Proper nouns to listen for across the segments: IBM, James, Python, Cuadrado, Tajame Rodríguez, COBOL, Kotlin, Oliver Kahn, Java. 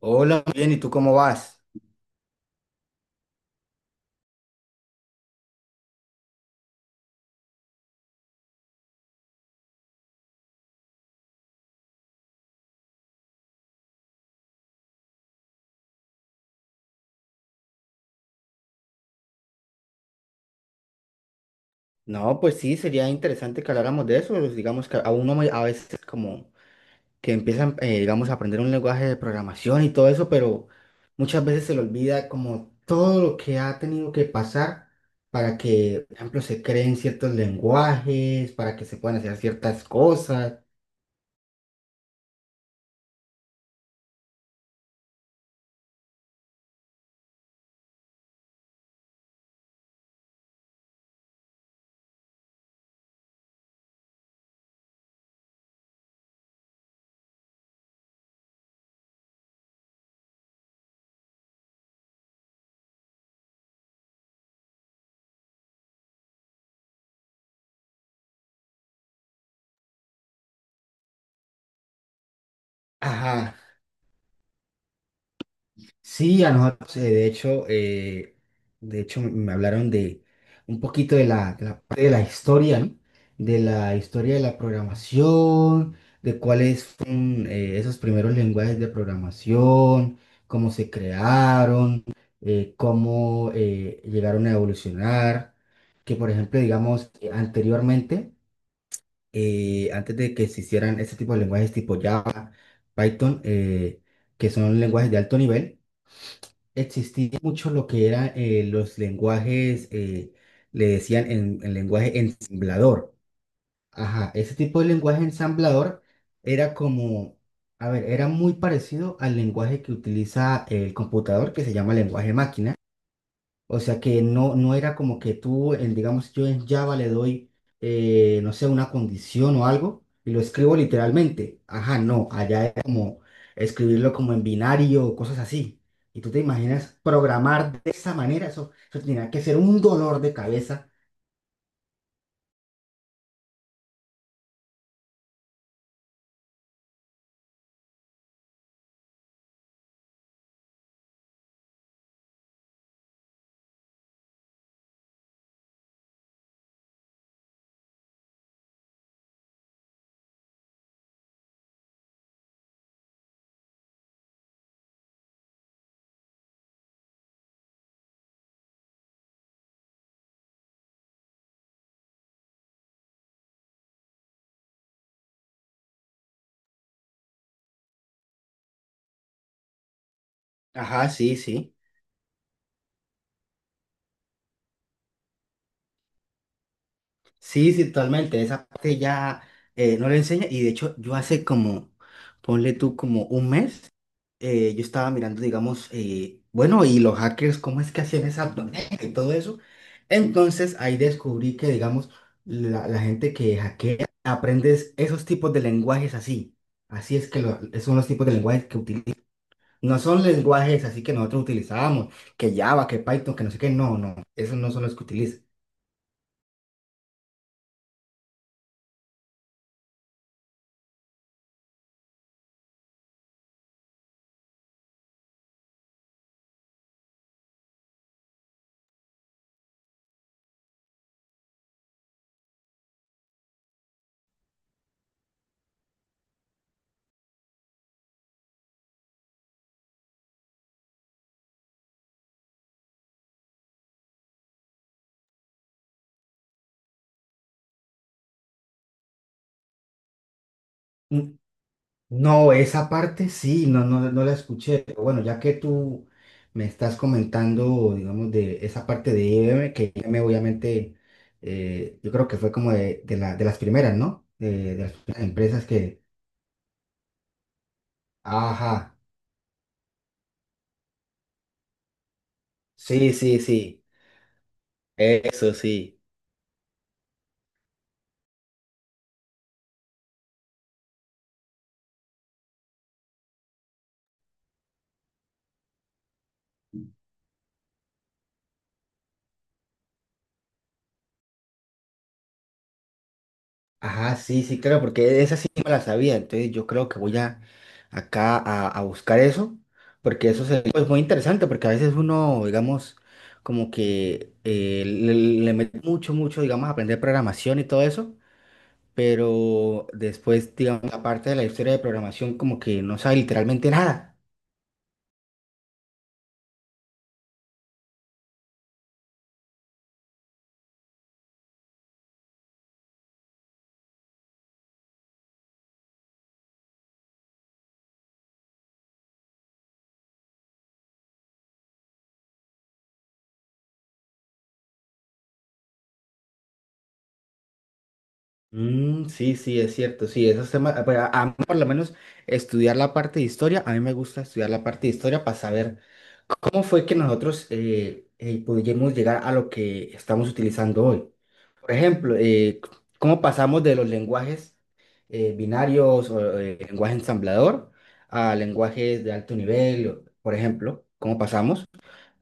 Hola, muy bien, ¿y tú cómo vas? No, pues sí, sería interesante que habláramos de eso. Pues, digamos que a uno a veces como que empiezan, digamos, a aprender un lenguaje de programación y todo eso, pero muchas veces se le olvida como todo lo que ha tenido que pasar para que, por ejemplo, se creen ciertos lenguajes, para que se puedan hacer ciertas cosas. Ajá, sí, a nosotros, de hecho me hablaron de un poquito de la parte de la historia, ¿no? De la historia de la programación, de cuáles fueron esos primeros lenguajes de programación, cómo se crearon, cómo llegaron a evolucionar, que por ejemplo, digamos, anteriormente, antes de que se hicieran este tipo de lenguajes tipo Java, Python, que son lenguajes de alto nivel, existía mucho lo que era los lenguajes, le decían el lenguaje ensamblador. Ajá, ese tipo de lenguaje ensamblador era como, a ver, era muy parecido al lenguaje que utiliza el computador que se llama lenguaje máquina. O sea que no, no era como que tú, digamos, yo en Java le doy, no sé, una condición o algo y lo escribo literalmente. Ajá, no, allá era como escribirlo como en binario o cosas así. Y tú te imaginas programar de esa manera, eso tenía que ser un dolor de cabeza. Ajá, sí, sí. Sí, sí, totalmente. Esa parte ya no le enseña. Y de hecho, yo hace como, ponle tú como un mes, yo estaba mirando, digamos, bueno, y los hackers, ¿cómo es que hacían esa tormenta y todo eso? Entonces ahí descubrí que, digamos, la gente que hackea aprendes esos tipos de lenguajes así. Así es que esos son los tipos de lenguajes que utilizan. No son lenguajes así que nosotros utilizábamos, que Java, que Python, que no sé qué. No, no, esos no son los que utilizan. No, esa parte sí, no, no, no la escuché. Pero bueno, ya que tú me estás comentando, digamos, de esa parte de IBM, que IBM obviamente, yo creo que fue como de las primeras, ¿no? De las primeras empresas que... Ajá, sí, sí, sí, eso sí. Ajá, sí, sí, claro, porque esa sí me la sabía, entonces yo creo que voy a acá a buscar eso, porque eso es muy interesante, porque a veces uno, digamos, como que le mete mucho, mucho, digamos, a aprender programación y todo eso, pero después, digamos, la parte de la historia de programación como que no sabe literalmente nada. Mm, sí, sí, es cierto, sí, esos temas, ah, pero a mí por lo menos estudiar la parte de historia, a mí me gusta estudiar la parte de historia para saber. ¿Cómo fue que nosotros pudimos llegar a lo que estamos utilizando hoy? Por ejemplo, ¿cómo pasamos de los lenguajes binarios o lenguaje ensamblador a lenguajes de alto nivel? Por ejemplo, ¿cómo pasamos?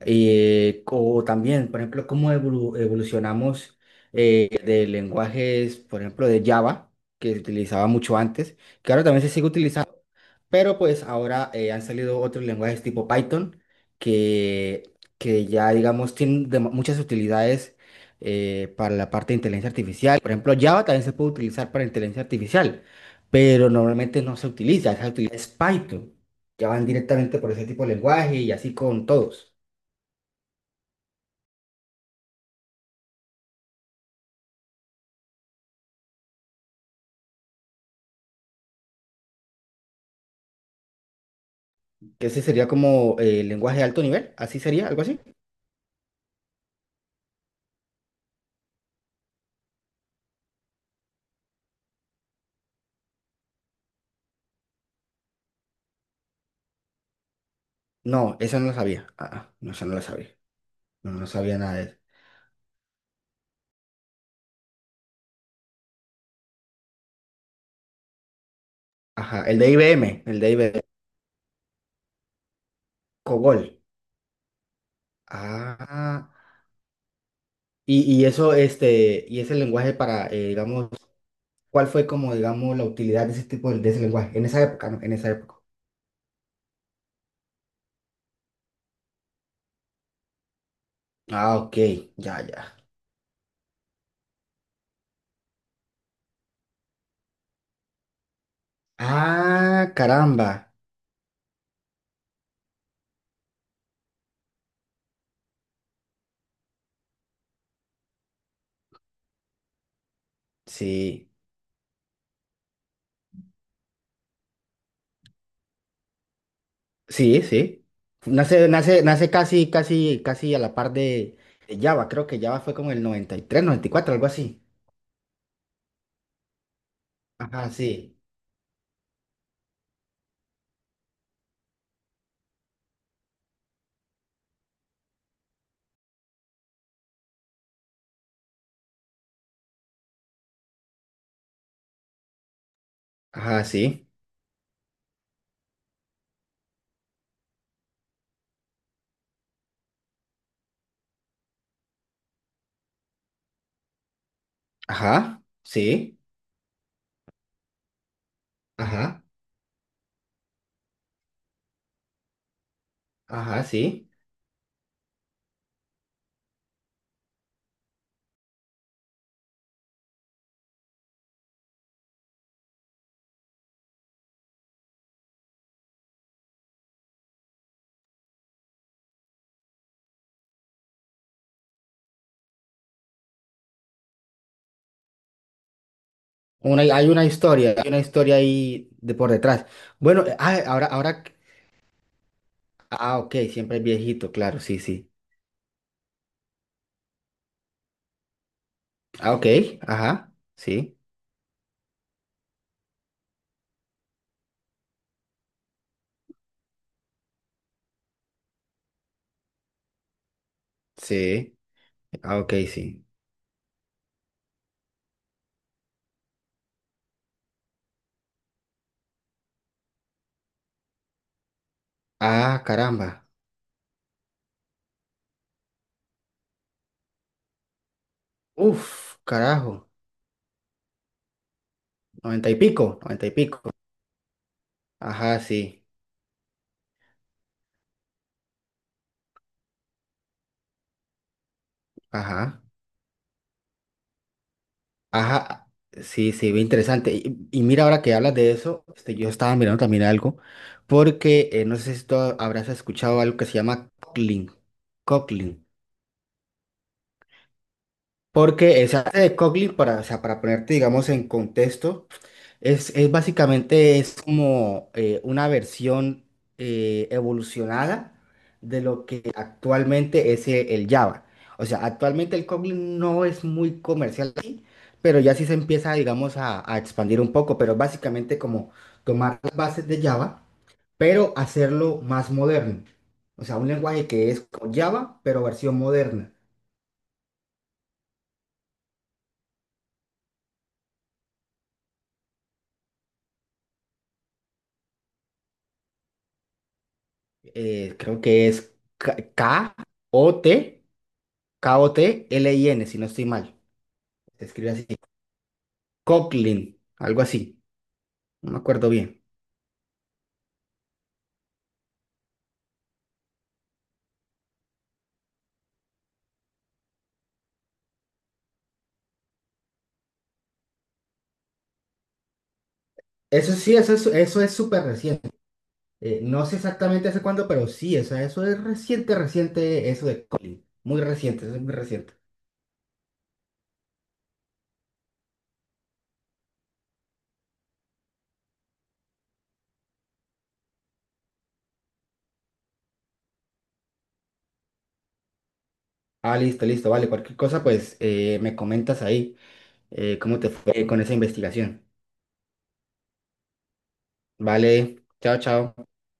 O también, por ejemplo, ¿cómo evolucionamos de lenguajes, por ejemplo, de Java, que se utilizaba mucho antes, que ahora también se sigue utilizando? Pero pues ahora han salido otros lenguajes tipo Python que, que ya, digamos, tienen muchas utilidades para la parte de inteligencia artificial. Por ejemplo, Java también se puede utilizar para inteligencia artificial, pero normalmente no se utiliza, se utiliza es Python. Ya van directamente por ese tipo de lenguaje y así con todos. Que ese sería como lenguaje de alto nivel, así sería, algo así. No, esa no lo sabía. Ah, ah, no, esa no la sabía. No, no sabía nada de eso. Ajá, el de IBM, el de IBM, COBOL. Ah, y eso, este, y ese lenguaje para, digamos, ¿cuál fue como, digamos, la utilidad de ese tipo de ese lenguaje? En esa época, ¿no? En esa época. Ah, ok, ya, ya. Ah, caramba. Sí, sí, sí. Nace, nace, nace casi, casi, casi a la par de Java. Creo que Java fue como el noventa noventa y tres, noventa y cuatro, algo así. Ajá, sí. Ajá, sí. Ajá, sí. Ajá, ajá, sí. Hay una historia, hay una historia ahí de por detrás. Bueno, ahora, ahora, ah, ok, siempre es viejito, claro, sí, sí. Ah, ok, ajá, sí, sí, ah, ok, sí. Ah, caramba. Uf, carajo, noventa y pico, noventa y pico. Ajá, sí, ajá, ajá, sí, sí, bien interesante. Y mira, ahora que hablas de eso, este, yo estaba mirando también algo, porque no sé si tú habrás escuchado algo que se llama Cockling. Porque esa arte de Coglin, o sea, para ponerte, digamos, en contexto, es básicamente es como una versión evolucionada de lo que actualmente es el Java. O sea, actualmente el Kotlin no es muy comercial aquí, pero ya sí se empieza, digamos, a expandir un poco, pero básicamente como tomar las bases de Java, pero hacerlo más moderno. O sea, un lenguaje que es como Java, pero versión moderna. Creo que es K-O-T, Kotlin, si no estoy mal. Se escribe así. Coughlin, algo así. No me acuerdo bien. Eso sí, eso es súper reciente. No sé exactamente hace cuándo, pero sí, o sea, eso es reciente, reciente, eso de Coughlin. Muy reciente, eso es muy reciente. Ah, listo, listo, vale. Cualquier cosa, pues me comentas ahí cómo te fue con esa investigación. Vale, chao, chao.